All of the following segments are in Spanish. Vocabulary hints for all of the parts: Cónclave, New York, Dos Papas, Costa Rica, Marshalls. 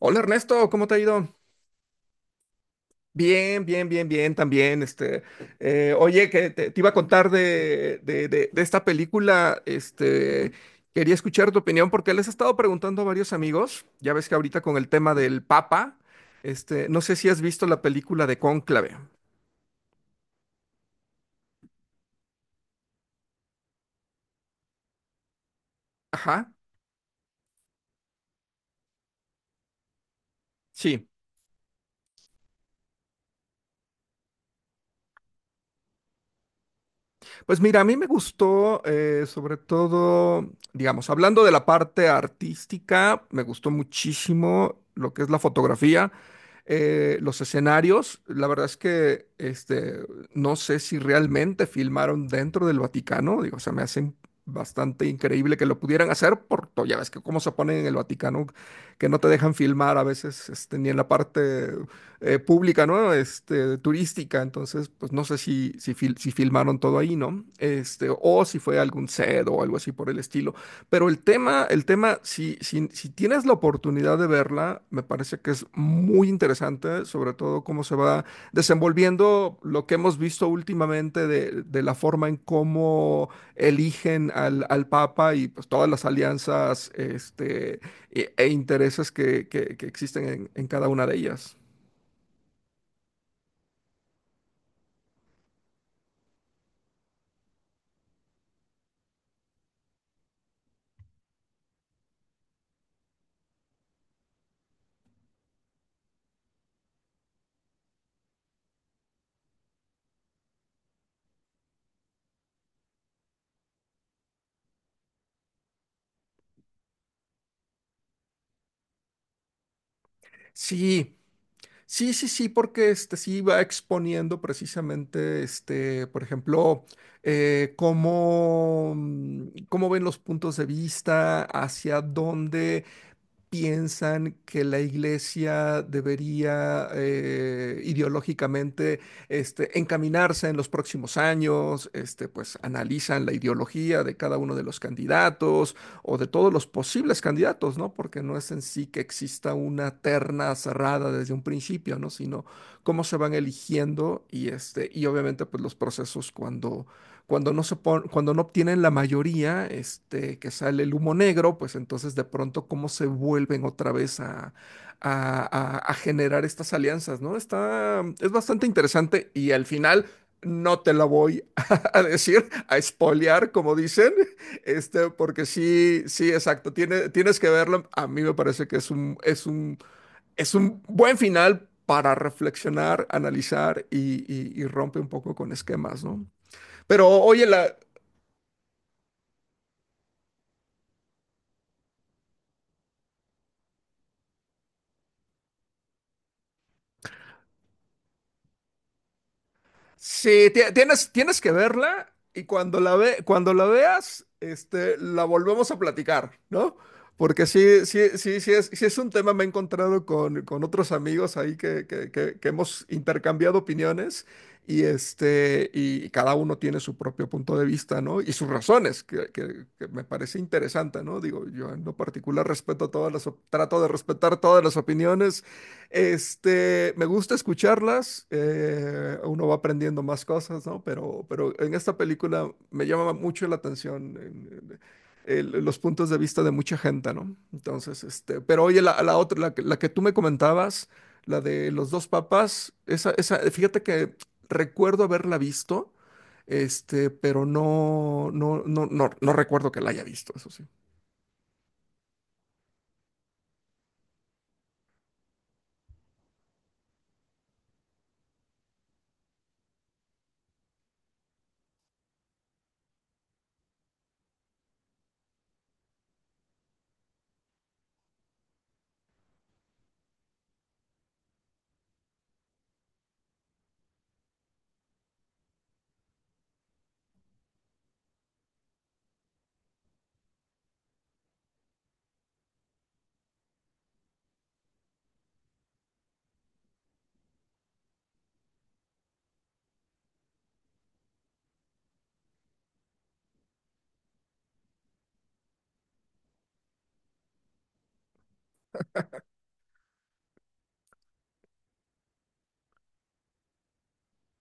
Hola Ernesto, ¿cómo te ha ido? Bien, bien, bien, bien, también. Oye, que te iba a contar de esta película. Quería escuchar tu opinión porque les he estado preguntando a varios amigos. Ya ves que ahorita con el tema del Papa, no sé si has visto la película de Cónclave. Ajá, sí. Pues mira, a mí me gustó, sobre todo, digamos, hablando de la parte artística, me gustó muchísimo lo que es la fotografía, los escenarios. La verdad es que no sé si realmente filmaron dentro del Vaticano, digo, se me hace bastante increíble que lo pudieran hacer, porque ya ves que cómo se ponen en el Vaticano, que no te dejan filmar a veces ni en la parte pública, ¿no? Este, turística, entonces, pues no sé si filmaron todo ahí, ¿no? Este, o si fue algún set o algo así por el estilo. Pero el tema, si tienes la oportunidad de verla, me parece que es muy interesante, sobre todo cómo se va desenvolviendo lo que hemos visto últimamente de la forma en cómo eligen al Papa y pues todas las alianzas, e intereses que existen en cada una de ellas. Sí, sí, sí, sí, porque este sí va exponiendo precisamente, este, por ejemplo, cómo ven los puntos de vista, hacia dónde piensan que la iglesia debería ideológicamente encaminarse en los próximos años, este, pues analizan la ideología de cada uno de los candidatos o de todos los posibles candidatos, ¿no? Porque no es en sí que exista una terna cerrada desde un principio, ¿no? Sino cómo se van eligiendo y, este, y obviamente pues los procesos cuando cuando no obtienen la mayoría, este, que sale el humo negro, pues entonces de pronto cómo se vuelven otra vez a- a generar estas alianzas, ¿no? Está, es bastante interesante y al final no te la voy a decir, a spoilear, como dicen, este, porque sí, sí, exacto, tienes que verlo. A mí me parece que es es un buen final. Para reflexionar, analizar y rompe un poco con esquemas, ¿no? Pero oye, la sí, tienes que verla y cuando cuando la veas, este, la volvemos a platicar, ¿no? Porque sí, sí, sí, sí es un tema, me he encontrado con otros amigos ahí que hemos intercambiado opiniones y este, y cada uno tiene su propio punto de vista, ¿no? Y sus razones, que me parece interesante, ¿no? Digo, yo en lo particular respeto todas las, trato de respetar todas las opiniones. Este, me gusta escucharlas, uno va aprendiendo más cosas, ¿no? Pero en esta película me llama mucho la atención los puntos de vista de mucha gente, ¿no? Entonces, este, pero oye, la otra, que la que tú me comentabas, la de los dos papas, esa, fíjate que recuerdo haberla visto, este, pero no recuerdo que la haya visto, eso sí.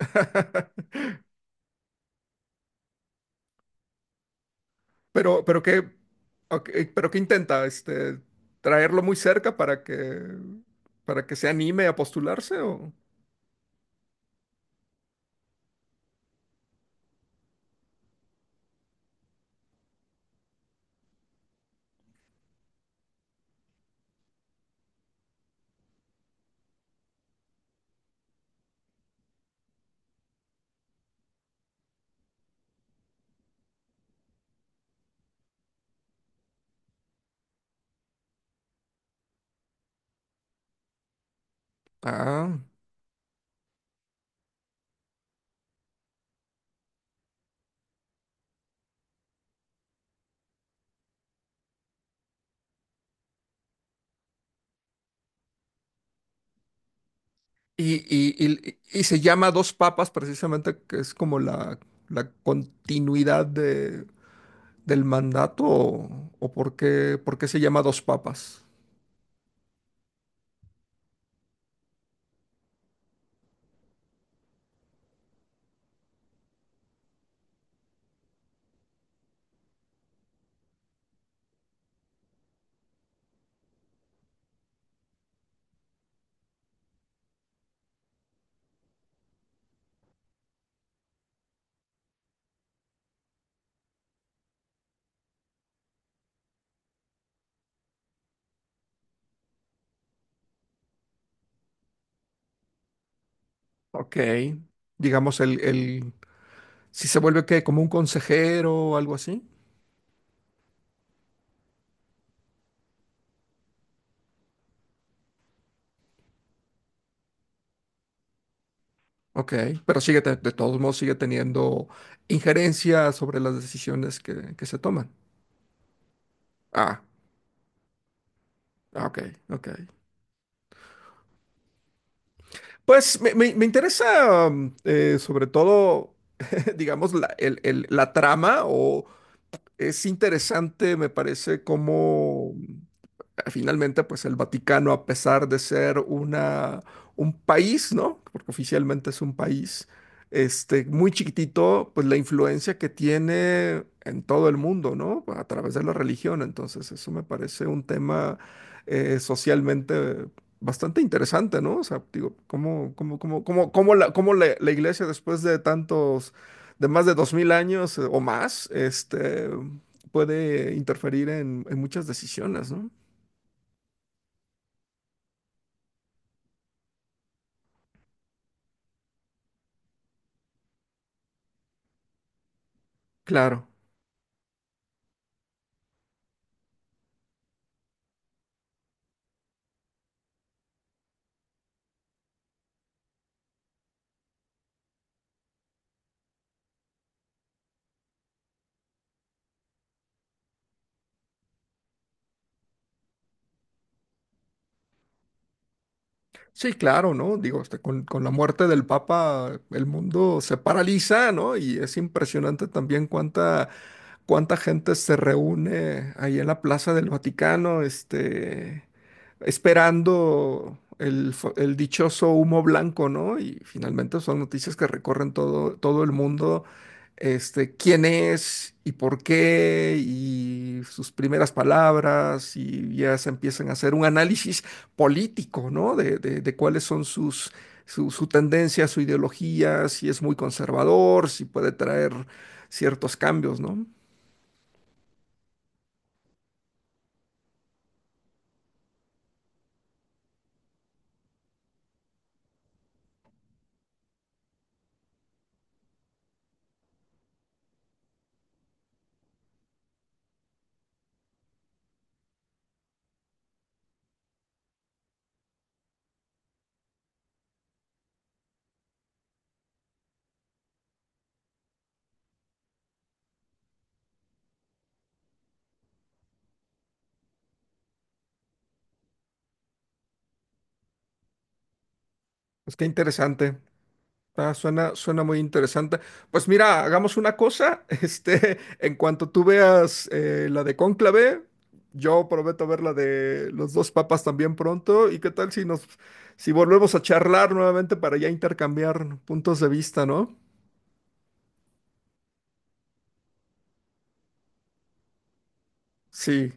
Pero, pero qué, ok, pero qué intenta, traerlo muy cerca para que se anime a postularse o. Ah. Y, y se llama Dos Papas precisamente, que es como la continuidad de, del mandato, o por qué se llama Dos Papas. Ok. Digamos, si se vuelve que como un consejero o algo así. Ok, pero sigue, de todos modos sigue teniendo injerencia sobre las decisiones que se toman. Ah, ah, ok, ok. Pues me interesa sobre todo, digamos, la trama o es interesante, me parece, cómo finalmente, pues el Vaticano, a pesar de ser un país, ¿no? Porque oficialmente es un país, este, muy chiquitito, pues la influencia que tiene en todo el mundo, ¿no? A través de la religión. Entonces, eso me parece un tema socialmente bastante interesante, ¿no? O sea, digo, ¿cómo la iglesia después de de más de 2000 años o más, este puede interferir en muchas decisiones, ¿no? Claro, sí, claro, ¿no? Digo, este, con la muerte del Papa el mundo se paraliza, ¿no? Y es impresionante también cuánta gente se reúne ahí en la Plaza del Vaticano, este, esperando el dichoso humo blanco, ¿no? Y finalmente son noticias que recorren todo el mundo, este, quién es y por qué, y sus primeras palabras, y ya se empiezan a hacer un análisis político, ¿no? De cuáles son su, su tendencia, su ideología, si es muy conservador, si puede traer ciertos cambios, ¿no? Pues qué interesante. Ah, suena, suena muy interesante. Pues mira, hagamos una cosa. Este, en cuanto tú veas la de Cónclave, yo prometo ver la de los dos papas también pronto. ¿Y qué tal si si volvemos a charlar nuevamente para ya intercambiar puntos de vista, ¿no? Sí,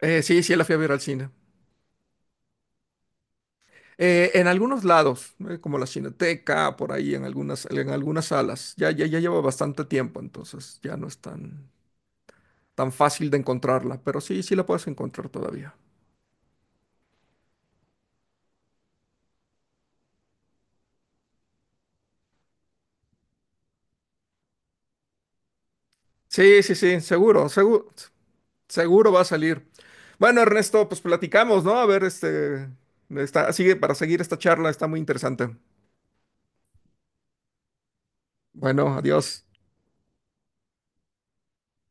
eh, sí, sí, la fui a ver al cine. En algunos lados, como la Cineteca, por ahí en en algunas salas. Ya, ya, ya lleva bastante tiempo, entonces ya no es tan fácil de encontrarla, pero sí, sí la puedes encontrar todavía. Sí, sí, sí, seguro, seguro, seguro va a salir. Bueno, Ernesto, pues platicamos, ¿no? A ver, este, está, sigue para seguir esta charla, está muy interesante. Bueno, adiós.